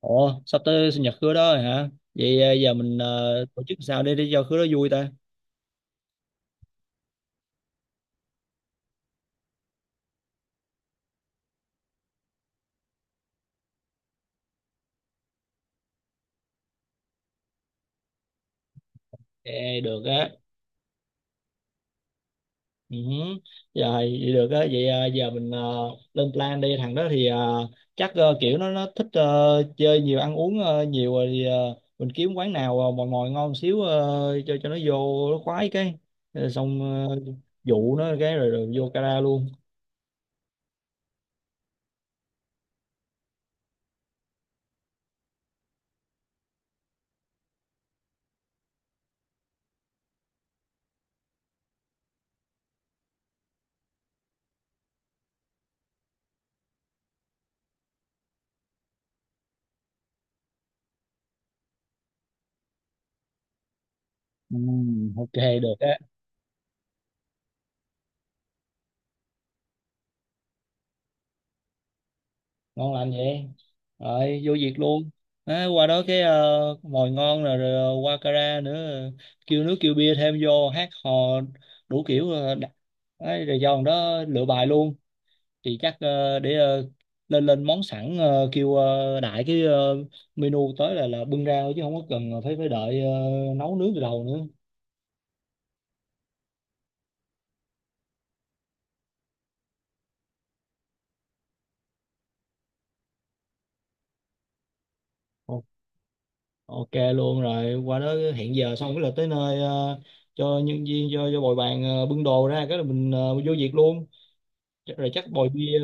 Ồ, sắp tới sinh nhật Khứa đó rồi hả? Vậy à, giờ mình tổ chức sao để cho Khứa đó vui ta? Ê, được á. Ừ, hứ. Rồi, vậy được á. Vậy à, giờ mình lên plan đi. Thằng đó thì chắc kiểu nó thích chơi nhiều, ăn uống nhiều rồi thì mình kiếm quán nào mòi mòi ngon xíu cho nó vô nó khoái cái. Rồi xong dụ nó cái rồi, rồi vô cara luôn. Ừ, ok, được á. Ngon lành vậy, rồi vô việc luôn. Á, qua đó cái mồi ngon rồi, rồi qua kara nữa, kêu nước kêu bia thêm vô hát hò đủ kiểu đấy, rồi do thằng đó lựa bài luôn. Thì chắc lên lên món sẵn, kêu đại cái menu tới là bưng ra thôi chứ không có cần phải phải đợi nấu nướng từ đầu nữa. O- ok luôn, rồi qua đó hẹn giờ xong cái là tới nơi, cho nhân viên cho bồi bàn bưng đồ ra cái là mình vô việc luôn. Chắc, rồi chắc bồi bia,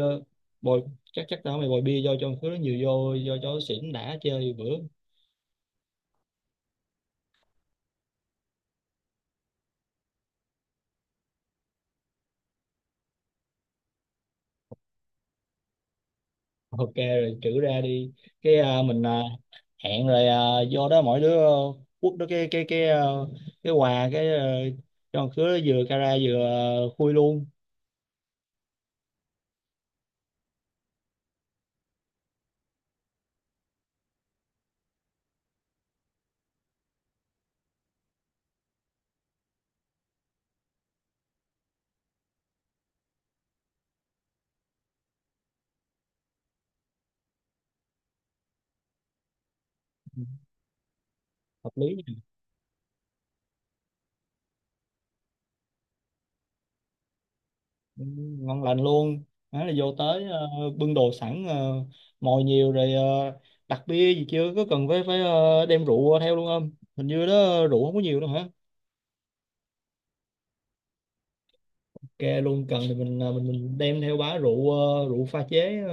bồi, chắc chắc tao mày bồi bia do cho một thứ nó nhiều vô do cho xỉn đã chơi bữa. Ok rồi, trữ ra đi, cái hẹn rồi do đó mỗi đứa quất đó cái quà, cái cho một thứ nó vừa cara vừa khui luôn. Ừ, hợp lý nha. Ừ, ngon lành luôn, đó là vô tới bưng đồ sẵn, mồi nhiều rồi, đặt bia gì chưa, có cần phải phải ờ, đem rượu theo luôn không? Hình như đó rượu không có nhiều đâu hả? Ok luôn, cần thì mình à, mình mình đem theo bá rượu, rượu pha chế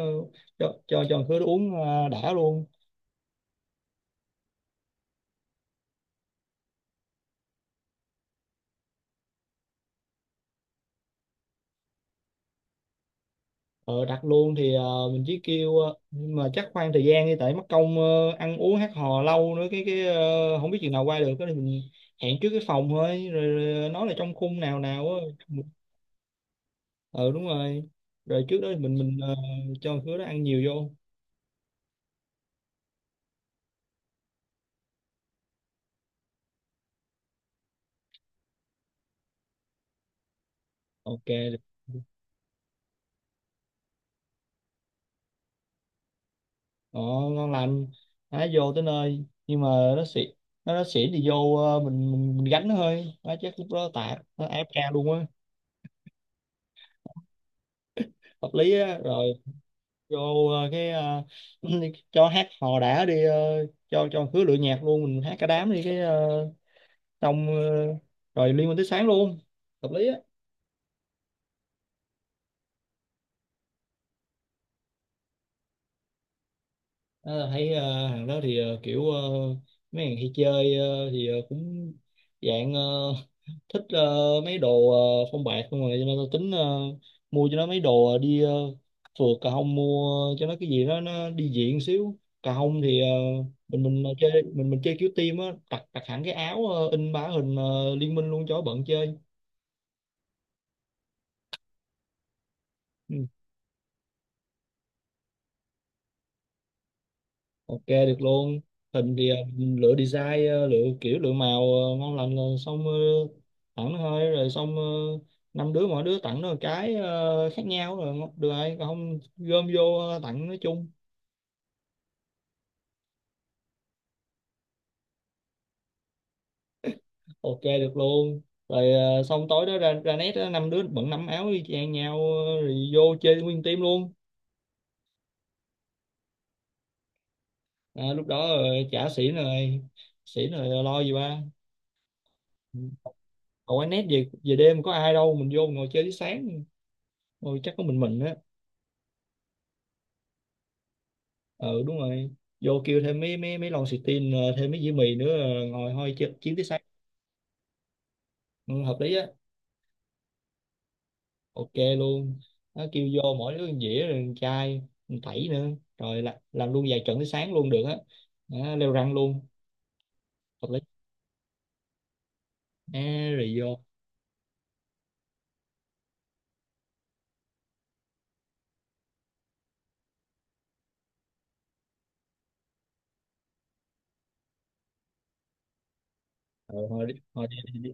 cho khứa uống đã luôn. Ờ, Đặt luôn thì mình chỉ kêu, nhưng mà chắc khoan thời gian đi tại mất công ăn uống hát hò lâu nữa không biết chừng nào qua được, cái thì mình hẹn trước cái phòng thôi, rồi, rồi nói là trong khung nào nào á. Ờ đúng rồi, rồi trước đó thì mình cho khứa đó ăn nhiều vô. Ok. Ồ, ngon lành. Nó vô tới nơi nhưng mà nó xỉn, nó xỉn thì vô, mình gánh nó thôi, nó chắc lúc đó tạt nó ép ca luôn á. Hợp lý á, rồi vô cho hát hò đã đi, cho khứa lựa nhạc luôn, mình hát cả đám đi cái xong ờ, rồi liên minh tới sáng luôn. Hợp lý á. Đó là thấy, hàng đó thì kiểu mấy hàng hay chơi thì cũng dạng thích mấy đồ phong bạc không, rồi cho nên tôi tính mua cho nó mấy đồ đi phượt. Cà hông mua cho nó cái gì đó nó đi diện xíu. Cà hông thì mình chơi kiểu team á, đặt đặt hẳn cái áo, in bá hình liên minh luôn cho bận chơi. Ừ. Ok, được luôn. Hình thì lựa design, lựa kiểu lựa màu ngon lành rồi, xong tặng thôi, rồi xong năm đứa mỗi đứa tặng nó một cái khác nhau rồi được rồi, còn không gom vô tặng nói chung. Ok, được luôn, rồi xong tối đó ra ra nét đó, năm đứa bận năm áo y chang nhau. Rồi vô chơi nguyên team luôn. Lúc đó chả xỉn rồi, xỉn rồi lo gì ba. Còn quán nét về về đêm có ai đâu, mình vô ngồi chơi tới sáng, ngồi chắc có mình á. Ừ đúng rồi, vô kêu thêm mấy mấy mấy lon xì tin, thêm mấy dĩa mì nữa, ngồi chiến tới sáng. Ừ, hợp lý á. Ok luôn, nó kêu vô mỗi đứa một dĩa rồi một chai, một tẩy nữa, rồi làm luôn vài trận tới sáng luôn, được á. Đó, leo răng luôn. Hợp lý. Rồi vô. Ờ thôi đi, đi, đi.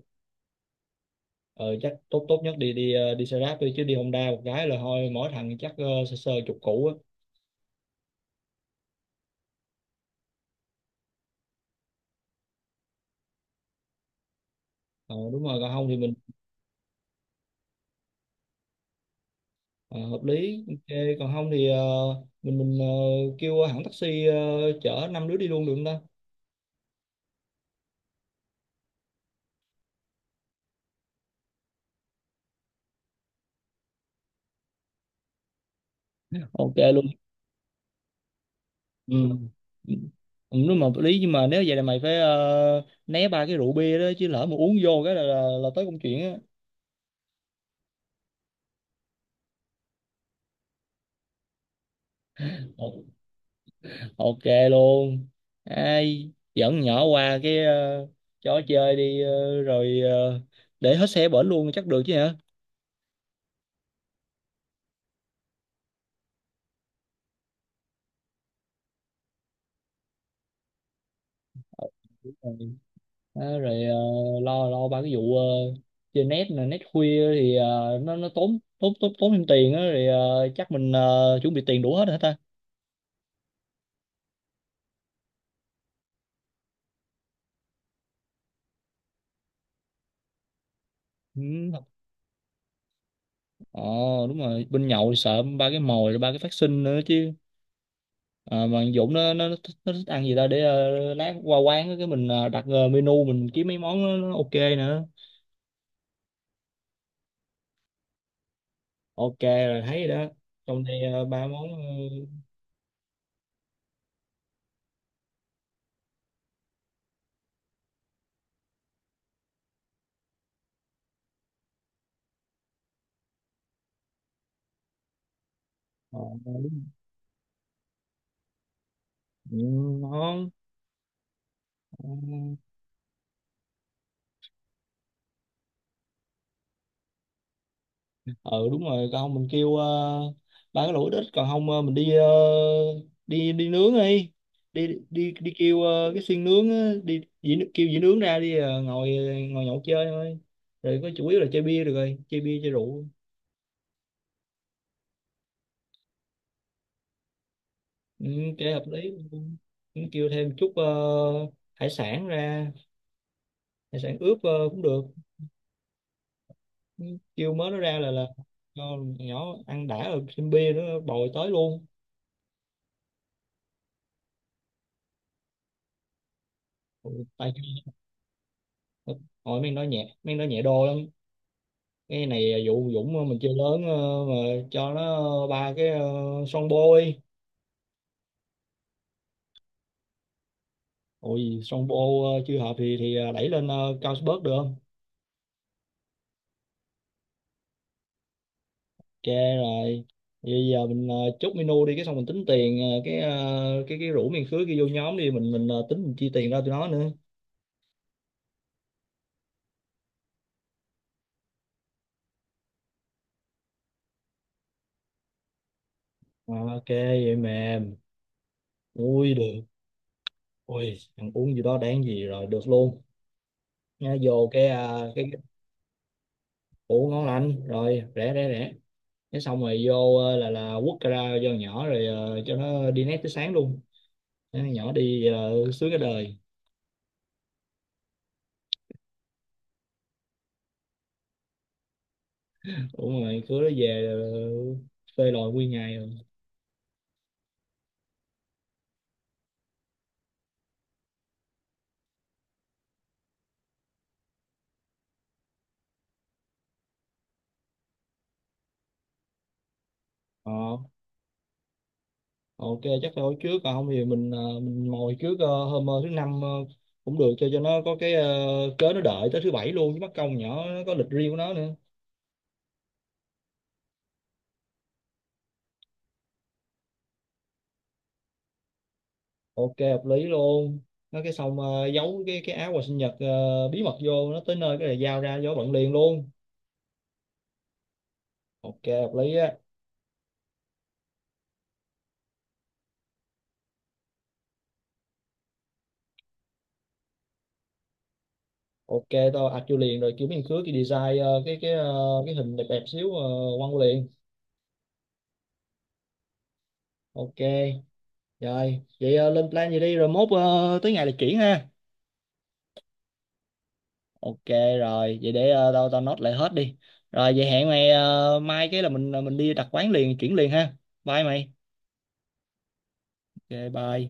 Ờ, chắc tốt, tốt nhất đi, đi xe ráp đi chứ đi Honda một cái là thôi, mỗi thằng chắc sơ sơ chục củ á. Ờ đúng rồi, còn không thì mình. Ờ, hợp lý, ok, còn không thì mình kêu hãng taxi, chở năm đứa đi luôn được không ta? Ok luôn. Ừ. Ừ, đúng mà hợp lý, nhưng mà nếu vậy là mày phải né ba cái rượu bia đó, chứ lỡ mà uống vô cái là tới công chuyện á. Ồ, ok luôn. Ai dẫn nhỏ qua cái chỗ chơi đi, rồi để hết xe bển luôn chắc được chứ hả? Ờ, đúng rồi. Đó, rồi lo lo ba cái vụ chơi net nè, net khuya thì nó tốn tốn tốn tốn thêm tiền á, rồi chắc mình chuẩn bị tiền đủ hết hả ta? Ừ. Ờ đúng rồi, bên nhậu thì sợ ba cái mồi rồi ba cái phát sinh nữa chứ. Ờ, mà thằng Dũng nó thích, nó thích ăn gì ta, để lát qua quán á, cái mình đặt menu, mình kiếm mấy món nó ok nữa. Ok rồi, thấy rồi đó, trong đây ba món. ờ, ờ, ừ, ngon. Ừ. Ừ đúng rồi, còn không mình kêu ba cái lẩu ít ít, còn không mình đi, ờ, đi đi nướng đi, đi kêu cái xiên nướng á, kêu dĩ nướng ra đi, ngồi ngồi nhậu chơi thôi, rồi có chủ yếu là chơi bia, được rồi chơi bia chơi rượu. Ừ, chơi hợp lý. Ừ, kêu thêm chút hải sản ra, hải sản ướp cũng được. Ừ, kêu mớ nó ra là cho nhỏ ăn đã rồi thêm bia nữa bồi tới luôn. Ừ, tại hồi mình nói nhẹ, mình nói nhẹ đồ lắm. Cái này vụ Dũng, mình chơi lớn mà cho nó ba cái son bôi, ôi son bô chưa hợp thì đẩy lên cao sport được không? Ok rồi, bây giờ mình chốt menu đi cái xong mình tính tiền cái rủ miền khứa kia vô nhóm đi, mình tính mình chi tiền ra tụi nó nữa. Ờ, ok vậy mềm. Ui được. Ui ăn uống gì đó đáng gì, rồi được luôn. Nha, vô cái ủ, ngon lành rồi, rẻ rẻ rẻ, cái xong rồi vô là quất ra cho nhỏ, rồi cho nó đi nét tới sáng luôn. Thế nhỏ đi vậy sướng cái đời. Đúng rồi, cứ nó về phê lòi nguyên ngày rồi. ờ, ok, chắc phải hồi trước, còn không thì mình mình ngồi trước, hôm thứ năm cũng được, cho nó có cái cớ, nó đợi tới thứ bảy luôn chứ mất công, nhỏ nó có lịch riêng của nó nữa. Ok, hợp lý luôn. Nó cái xong giấu cái áo quà sinh nhật bí mật, vô nó tới nơi cái này giao ra giấu bận liền luôn. Ok, hợp lý á. Ok, tao ạch vô liền rồi kiểu miếng khứa cái design cái hình đẹp đẹp xíu, quăng vô liền. Ok. Rồi vậy lên plan gì đi, rồi mốt tới ngày là chuyển ha. Ok. Rồi vậy để ờ, tao tao nốt lại hết đi. Rồi vậy hẹn mày mai cái là mình đi đặt quán liền chuyển liền ha. Bye mày. Ok. Bye.